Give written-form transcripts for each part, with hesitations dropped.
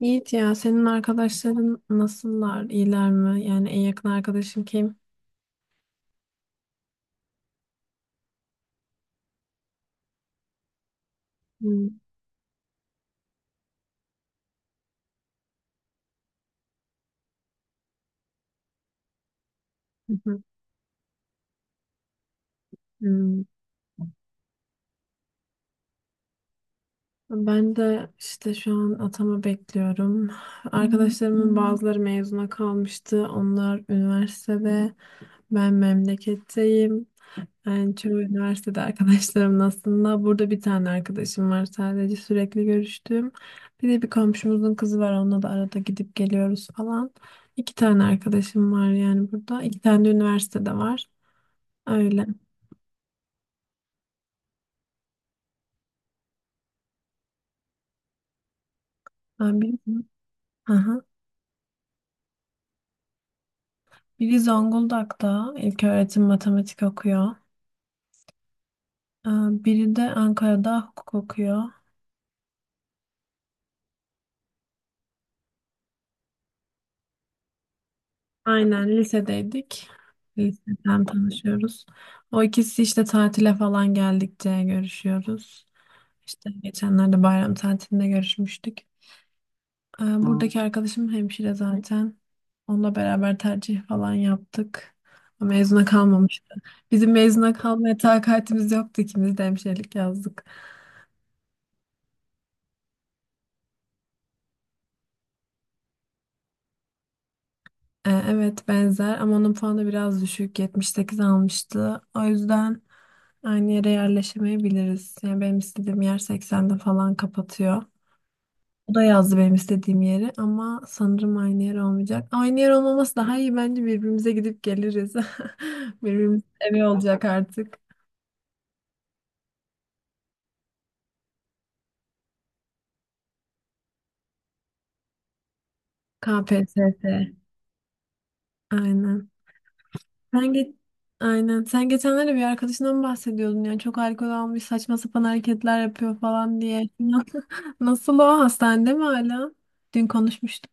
Yiğit ya senin arkadaşların nasıllar? İyiler mi? Yani en yakın arkadaşın kim? Hmm, hı hı, hmm. Ben de işte şu an atama bekliyorum. Arkadaşlarımın bazıları mezuna kalmıştı. Onlar üniversitede. Ben memleketteyim. Yani çoğu üniversitede arkadaşlarımın aslında burada bir tane arkadaşım var sadece sürekli görüştüğüm. Bir de bir komşumuzun kızı var onunla da arada gidip geliyoruz falan. İki tane arkadaşım var yani burada. İki tane de üniversitede var. Öyle. Ben biri, aha. Biri Zonguldak'ta ilköğretim matematik okuyor. Ee, Biri de Ankara'da hukuk okuyor. Aynen lisedeydik. Liseden tanışıyoruz. O ikisi işte tatile falan geldikçe görüşüyoruz. İşte geçenlerde bayram tatilinde görüşmüştük. Buradaki arkadaşım hemşire zaten. Onunla beraber tercih falan yaptık. Mezuna kalmamıştı. Bizim mezuna kalmaya takatimiz yoktu. İkimiz de hemşirelik yazdık. Evet benzer ama onun puanı biraz düşük 78 almıştı. O yüzden aynı yere yerleşemeyebiliriz. Yani benim istediğim yer 80'de falan kapatıyor. O da yazdı benim istediğim yeri ama sanırım aynı yer olmayacak. Aynı yer olmaması daha iyi bence birbirimize gidip geliriz. Birbirimiz evi olacak artık. KPSS. Aynen. Sen ge- Aynen. Sen geçenlerde bir arkadaşından bahsediyordun ya. Çok alkol almış, saçma sapan hareketler yapıyor falan diye. Nasıl o hastanede mi hala? Dün konuşmuştuk.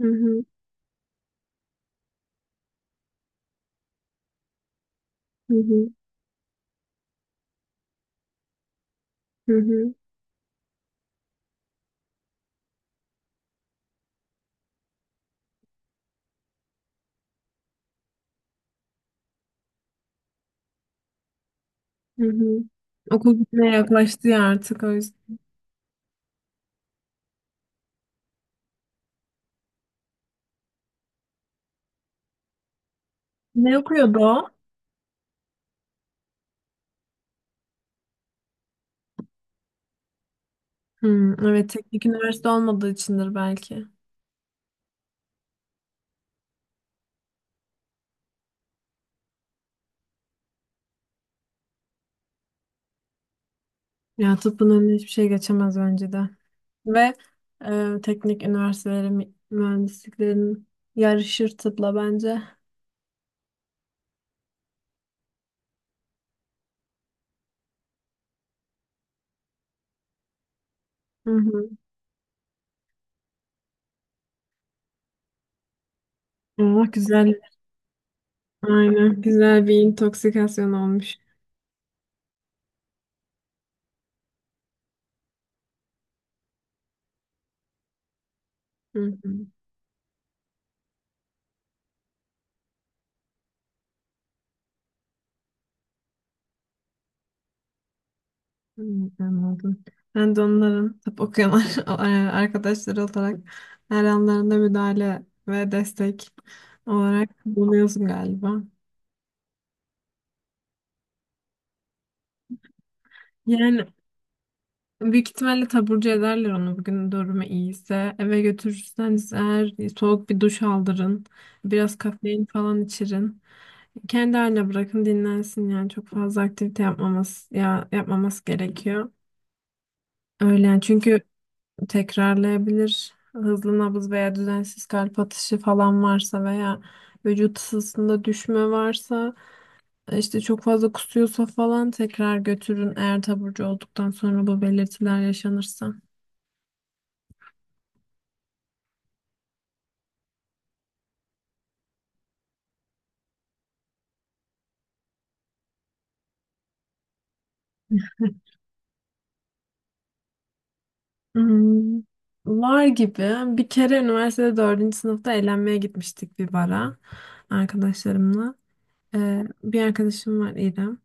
Hı hı, hı hı, hı hı. Hı hı. Okul bitmeye yaklaştı ya artık o yüzden. Ne okuyordu o? Hı, evet teknik üniversite olmadığı içindir belki. Ya tıbbın önüne hiçbir şey geçemez bence de. Ve teknik üniversitelerin mühendisliklerin yarışır tıpla bence. Hı hı. Aa, güzel. Aynen. Güzel bir intoksikasyon olmuş. Hı hı. Hı, anladım. Ben de onların tıp okuyan arkadaşları olarak her anlarında müdahale ve destek olarak bulunuyorsun galiba. Yani büyük ihtimalle taburcu ederler onu bugün durumu iyiyse. Eve götürürseniz eğer soğuk bir duş aldırın. Biraz kafein falan içirin. Kendi haline bırakın dinlensin yani çok fazla aktivite yapmaması ya yapmaması gerekiyor. Öyle yani çünkü tekrarlayabilir. Hızlı nabız veya düzensiz kalp atışı falan varsa veya vücut ısısında düşme varsa işte çok fazla kusuyorsa falan tekrar götürün eğer taburcu olduktan sonra bu belirtiler yaşanırsa. Hmm, var gibi. Bir kere üniversitede dördüncü sınıfta eğlenmeye gitmiştik bir bara arkadaşlarımla. Bir arkadaşım var İrem.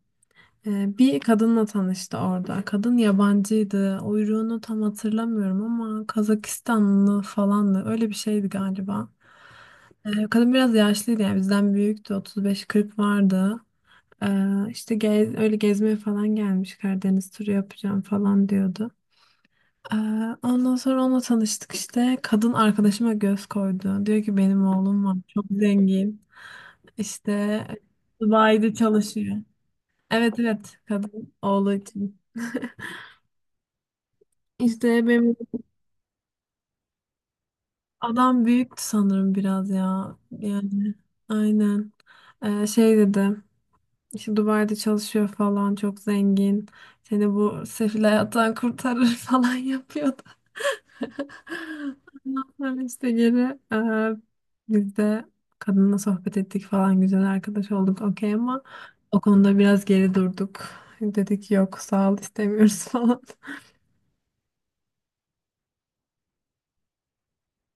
Bir kadınla tanıştı orada. Kadın yabancıydı. Uyruğunu tam hatırlamıyorum ama Kazakistanlı falandı. Öyle bir şeydi galiba. Kadın biraz yaşlıydı yani bizden büyüktü. 35-40 vardı. İşte gez- öyle gezmeye falan gelmiş. Karadeniz turu yapacağım falan diyordu. Ee, Ondan sonra onunla tanıştık işte. Kadın arkadaşıma göz koydu. Diyor ki benim oğlum var. Çok zengin. İşte Dubai'de çalışıyor. Evet evet kadın oğlu için. İşte benim adam büyüktü sanırım biraz ya. Yani aynen. Şey dedi. İşte Dubai'de çalışıyor falan çok zengin. Seni bu sefil hayattan kurtarır falan yapıyordu. Ondan sonra işte geri e, biz de kadınla sohbet ettik falan güzel arkadaş olduk okey ama o konuda biraz geri durduk. Dedik yok sağ ol istemiyoruz falan.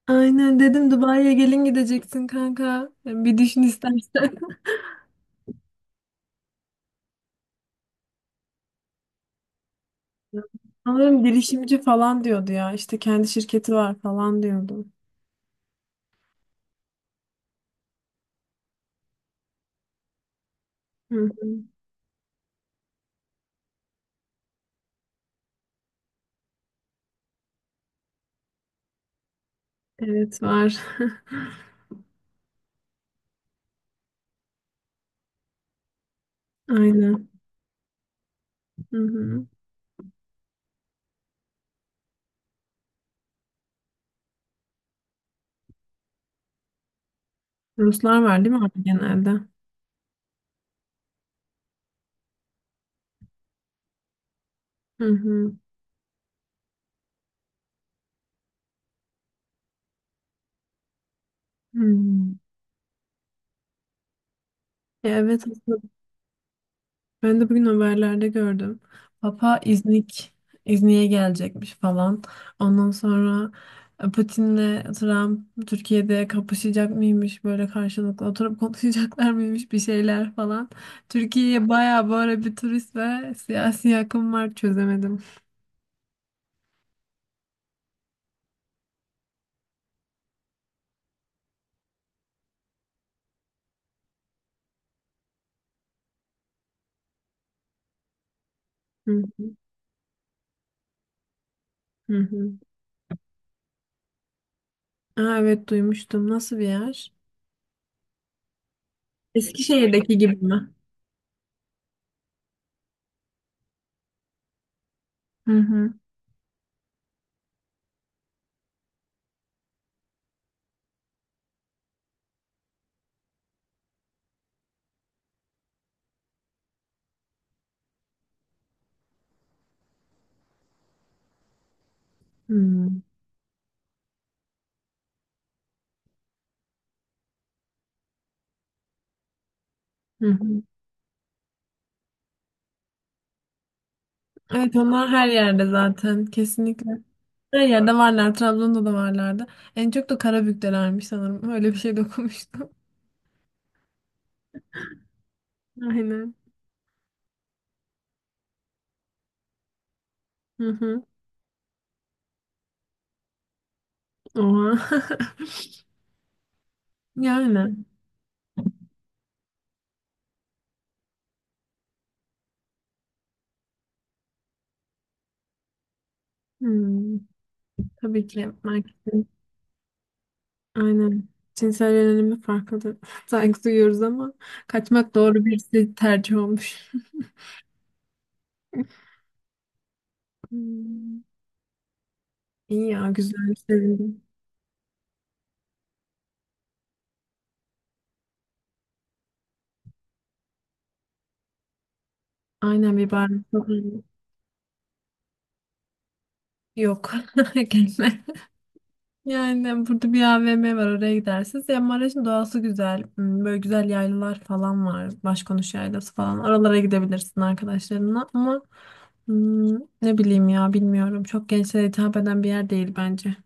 Aynen dedim Dubai'ye gelin gideceksin kanka. Bir düşün istersen. Sanırım girişimci falan diyordu ya. İşte kendi şirketi var falan diyordu. Hı hı. Evet var. Aynen. Hı hı. Ruslar var değil mi abi genelde? Hı hı. Hı. Ya, evet. Ben de bugün haberlerde gördüm. Papa İznik'e gelecekmiş falan. Ondan sonra Putin'le Trump Türkiye'de kapışacak mıymış böyle karşılıklı oturup konuşacaklar mıymış bir şeyler falan. Türkiye'ye bayağı böyle bir turist ve siyasi akım var çözemedim. Hı hı, hı hı. Aa, evet duymuştum. Nasıl bir yer? Eskişehir'deki gibi mi? Hı hı. Hı hı. Hı. Hı. Evet onlar her yerde zaten kesinlikle. Her yerde varlar. Trabzon'da da varlardı. En çok da Karabük'telermiş sanırım. Öyle bir şey de okumuştum. Aynen. Hı hı. Oha. Yani. Hmm. Tabii ki marketin. Aynen. Cinsel yönelimi farklıdır. Saygı duyuyoruz ama kaçmak doğru bir tercih olmuş. Hmm. İyi ya güzel sevindim. Aynen bir bar. Yok. Gelme. Yani burada bir AVM var oraya gidersiniz. Ya Maraş'ın doğası güzel. Hmm, böyle güzel yaylalar falan var. Başkonuş yaylası falan. Oralara gidebilirsin arkadaşlarınla. Ama hmm, ne bileyim ya bilmiyorum. Çok gençlere hitap eden bir yer değil bence.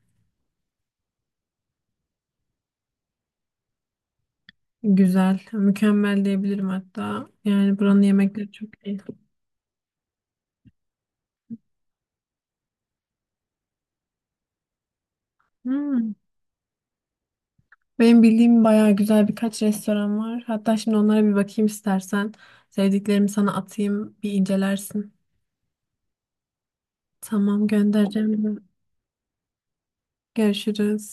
Güzel. Mükemmel diyebilirim hatta. Yani buranın yemekleri çok iyi. Hmm. Benim bildiğim bayağı güzel birkaç restoran var. Hatta şimdi onlara bir bakayım istersen. Sevdiklerimi sana atayım. Bir incelersin. Tamam göndereceğim. Görüşürüz.